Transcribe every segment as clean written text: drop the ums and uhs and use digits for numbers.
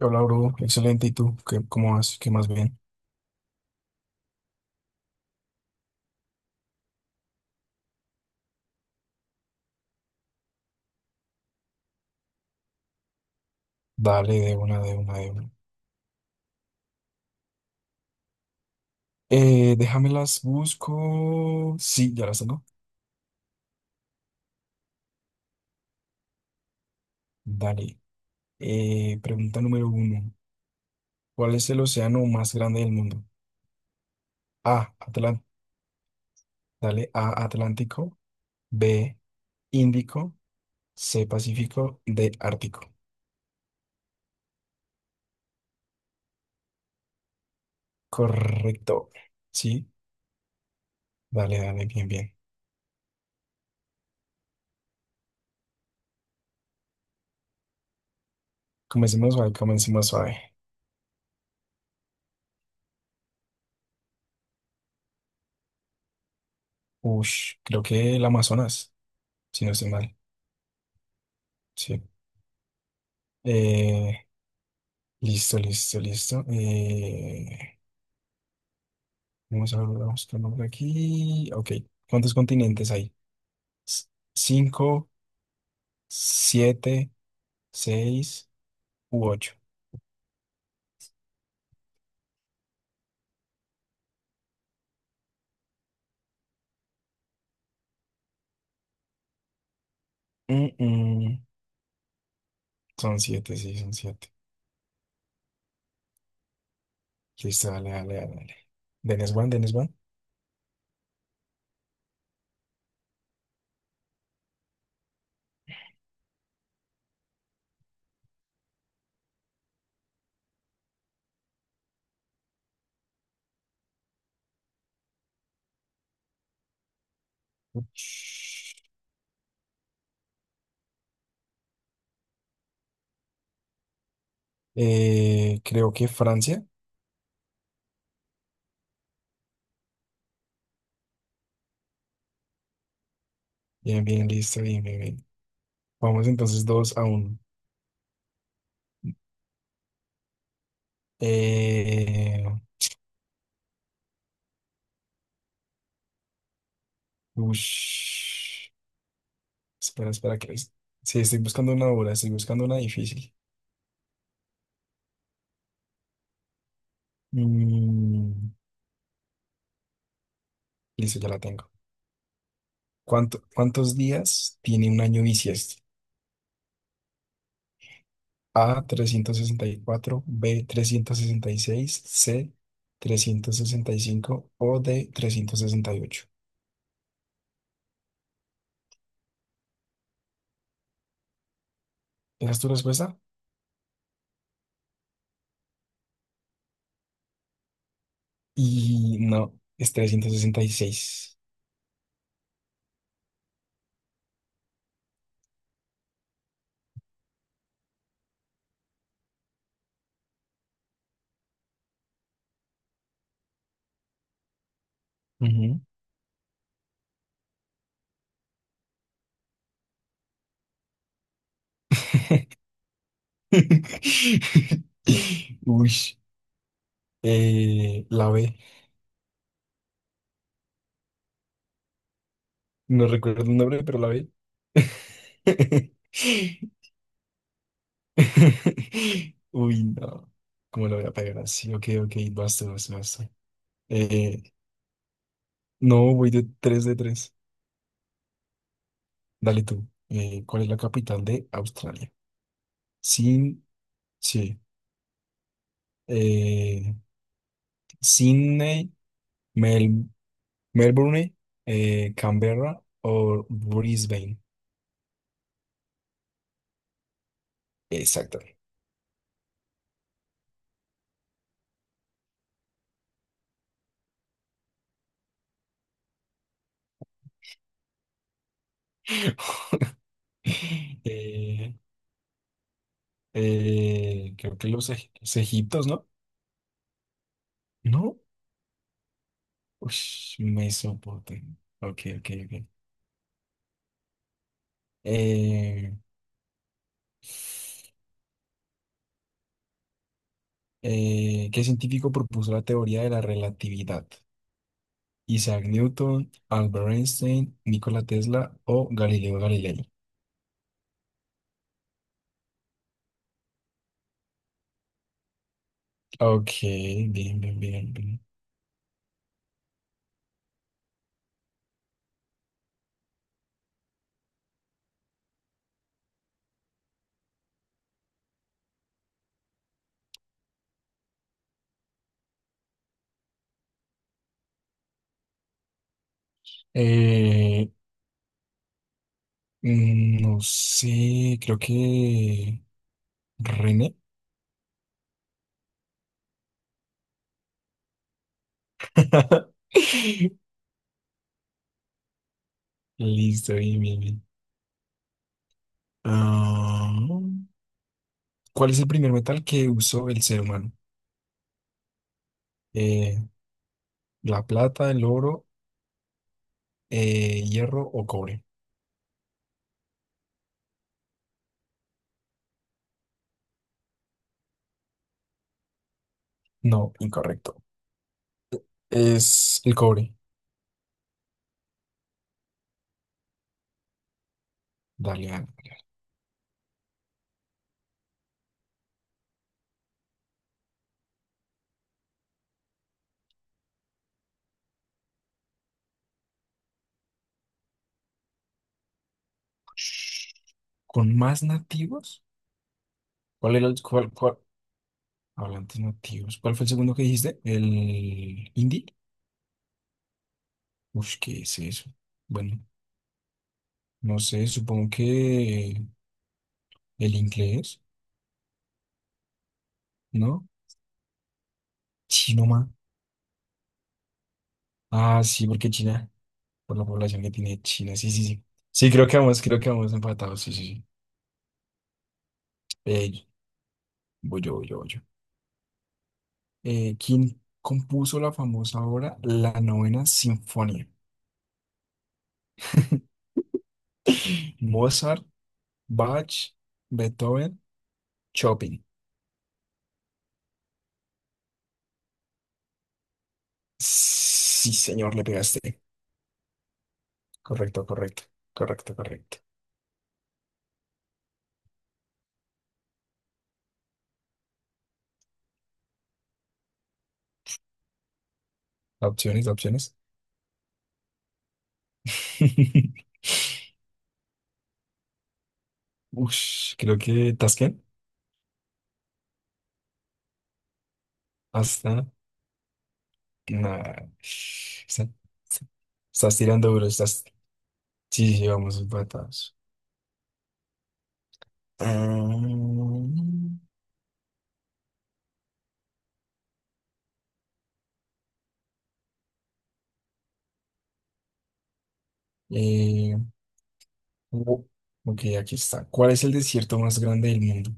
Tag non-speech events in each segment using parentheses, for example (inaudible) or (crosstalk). Hola, bro. Excelente. ¿Y tú? ¿Qué, cómo vas? ¿Qué más bien? Dale, de una, de una, de una. Déjamelas, busco. Sí, ya las tengo. Dale. Pregunta número uno. ¿Cuál es el océano más grande del mundo? A, Atlántico. Dale, A, Atlántico. B, Índico. C, Pacífico. D, Ártico. Correcto. Sí, dale, dale, bien, bien. Comencemos suave, comencemos suave. Ush, creo que el Amazonas, si no estoy mal. Sí. Eh, Listo, listo. Vamos a ver, vamos con nombre aquí. Ok, ¿cuántos continentes hay? S- Cinco, siete, seis u ocho. Mm, mm. Son siete, sí, son siete. Listo, dale, dale, dale, dale. Dennis Van, Dennis Van. Creo que Francia. Bien, bien, listo, bien, bien, bien. Vamos entonces dos a uno. Eh, Ush. Espera, espera, que es- Sí, estoy buscando una dura, estoy buscando una difícil. Mm, listo, ya la tengo. ¿Cuántos días tiene un año bisiesto? A, trescientos sesenta y cuatro, B, trescientos sesenta y seis, C, 365 o D, 368. ¿Esa es tu respuesta? Y no, es 366. Ujú. (laughs) Uy, la B. No recuerdo el nombre, pero la B. (laughs) (laughs) Uy, no. ¿Cómo lo voy a pegar así? Ok, ok, basta, basta, basta. Eh, no, voy de 3 de tres. Dale tú. ¿Cuál es la capital de Australia? Sin, sí. Eh, Sydney, Mel- Melbourne, Canberra o Brisbane. Exacto. (laughs) Eh, Creo que los, los egiptos, ¿no? No, ush, me Mesopotamia. Ok, ok, ok. Eh, ¿Qué científico propuso la teoría de la relatividad? Isaac Newton, Albert Einstein, Nikola Tesla o Galileo Galilei. Ok, bien, bien, bien, bien. Eh, no sé, creo que René. (laughs) Listo, bien, bien, bien. Ah, ¿Cuál es el primer metal que usó el ser humano? Eh, La plata, el oro, hierro o cobre. No, incorrecto. Es el cobre. Dale, dale, dale. ¿Con más nativos? ¿Cuál era el... cuál, cuál- Hablantes nativos. ¿Cuál fue el segundo que dijiste? ¿El hindi? Uf, ¿qué es eso? Bueno, no sé, supongo que el inglés, ¿no? Chino más. Ah, sí, porque China, por la población que tiene China, sí, sí, sí. Sí, creo que vamos empatados, sí, sí, sí. Eh, Voy yo, voy yo, voy yo, ¿quién compuso la famosa obra La Novena Sinfonía? (laughs) Mozart, Bach, Beethoven, Chopin. Sí, señor, le pegaste. Correcto, correcto, correcto, correcto. Opciones, opciones. (laughs) Ush, creo que Tasken. Hasta. Nah. Está- Estás tirando duro, estás. Sí, sí, vamos empatados. Ah, eh, Oh, Ok, aquí está. ¿Cuál es el desierto más grande del mundo?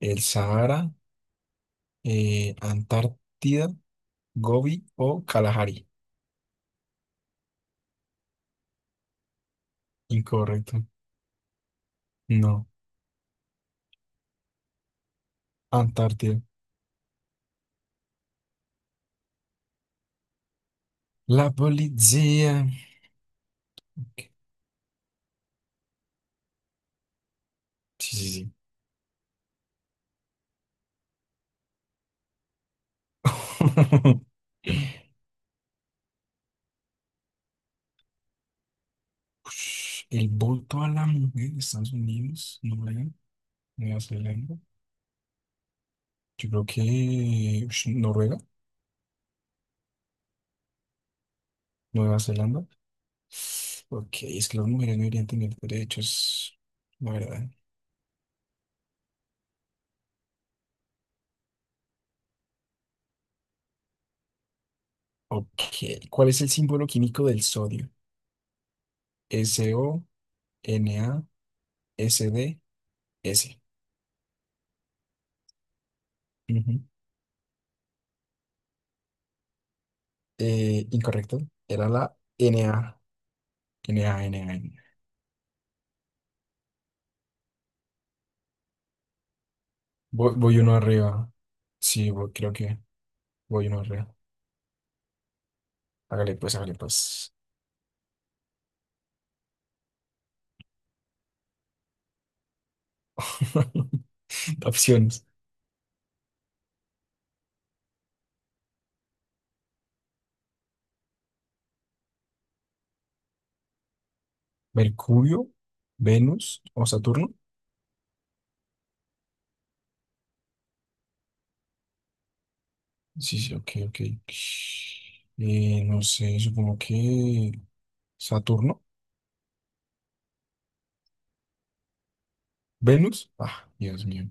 ¿El Sahara, Antártida, Gobi o Kalahari? Incorrecto. No, Antártida. La policía. Sí, sí, sí. (laughs) Ush, el voto a la mujer de Estados Unidos, Noruega, Nueva Zelanda. Yo creo que ush, Noruega, Nueva Zelanda. Ok, es que las mujeres no deberían tener derechos, la verdad. Ok. ¿Cuál es el símbolo químico del sodio? S, SO, Na, SD, S. D, S. Ujú. Incorrecto. Era la Na. Na, Na, Na. Voy uno arriba. Sí, creo que voy uno arriba. Hágale pues, hágale pues. (laughs) Opciones. Mercurio, Venus o Saturno. Sí, sí, ok, ok. No sé, supongo que Saturno. Venus. Ah, Dios mío.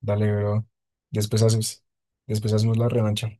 Dale, bro. Después haces, después hacemos la revancha.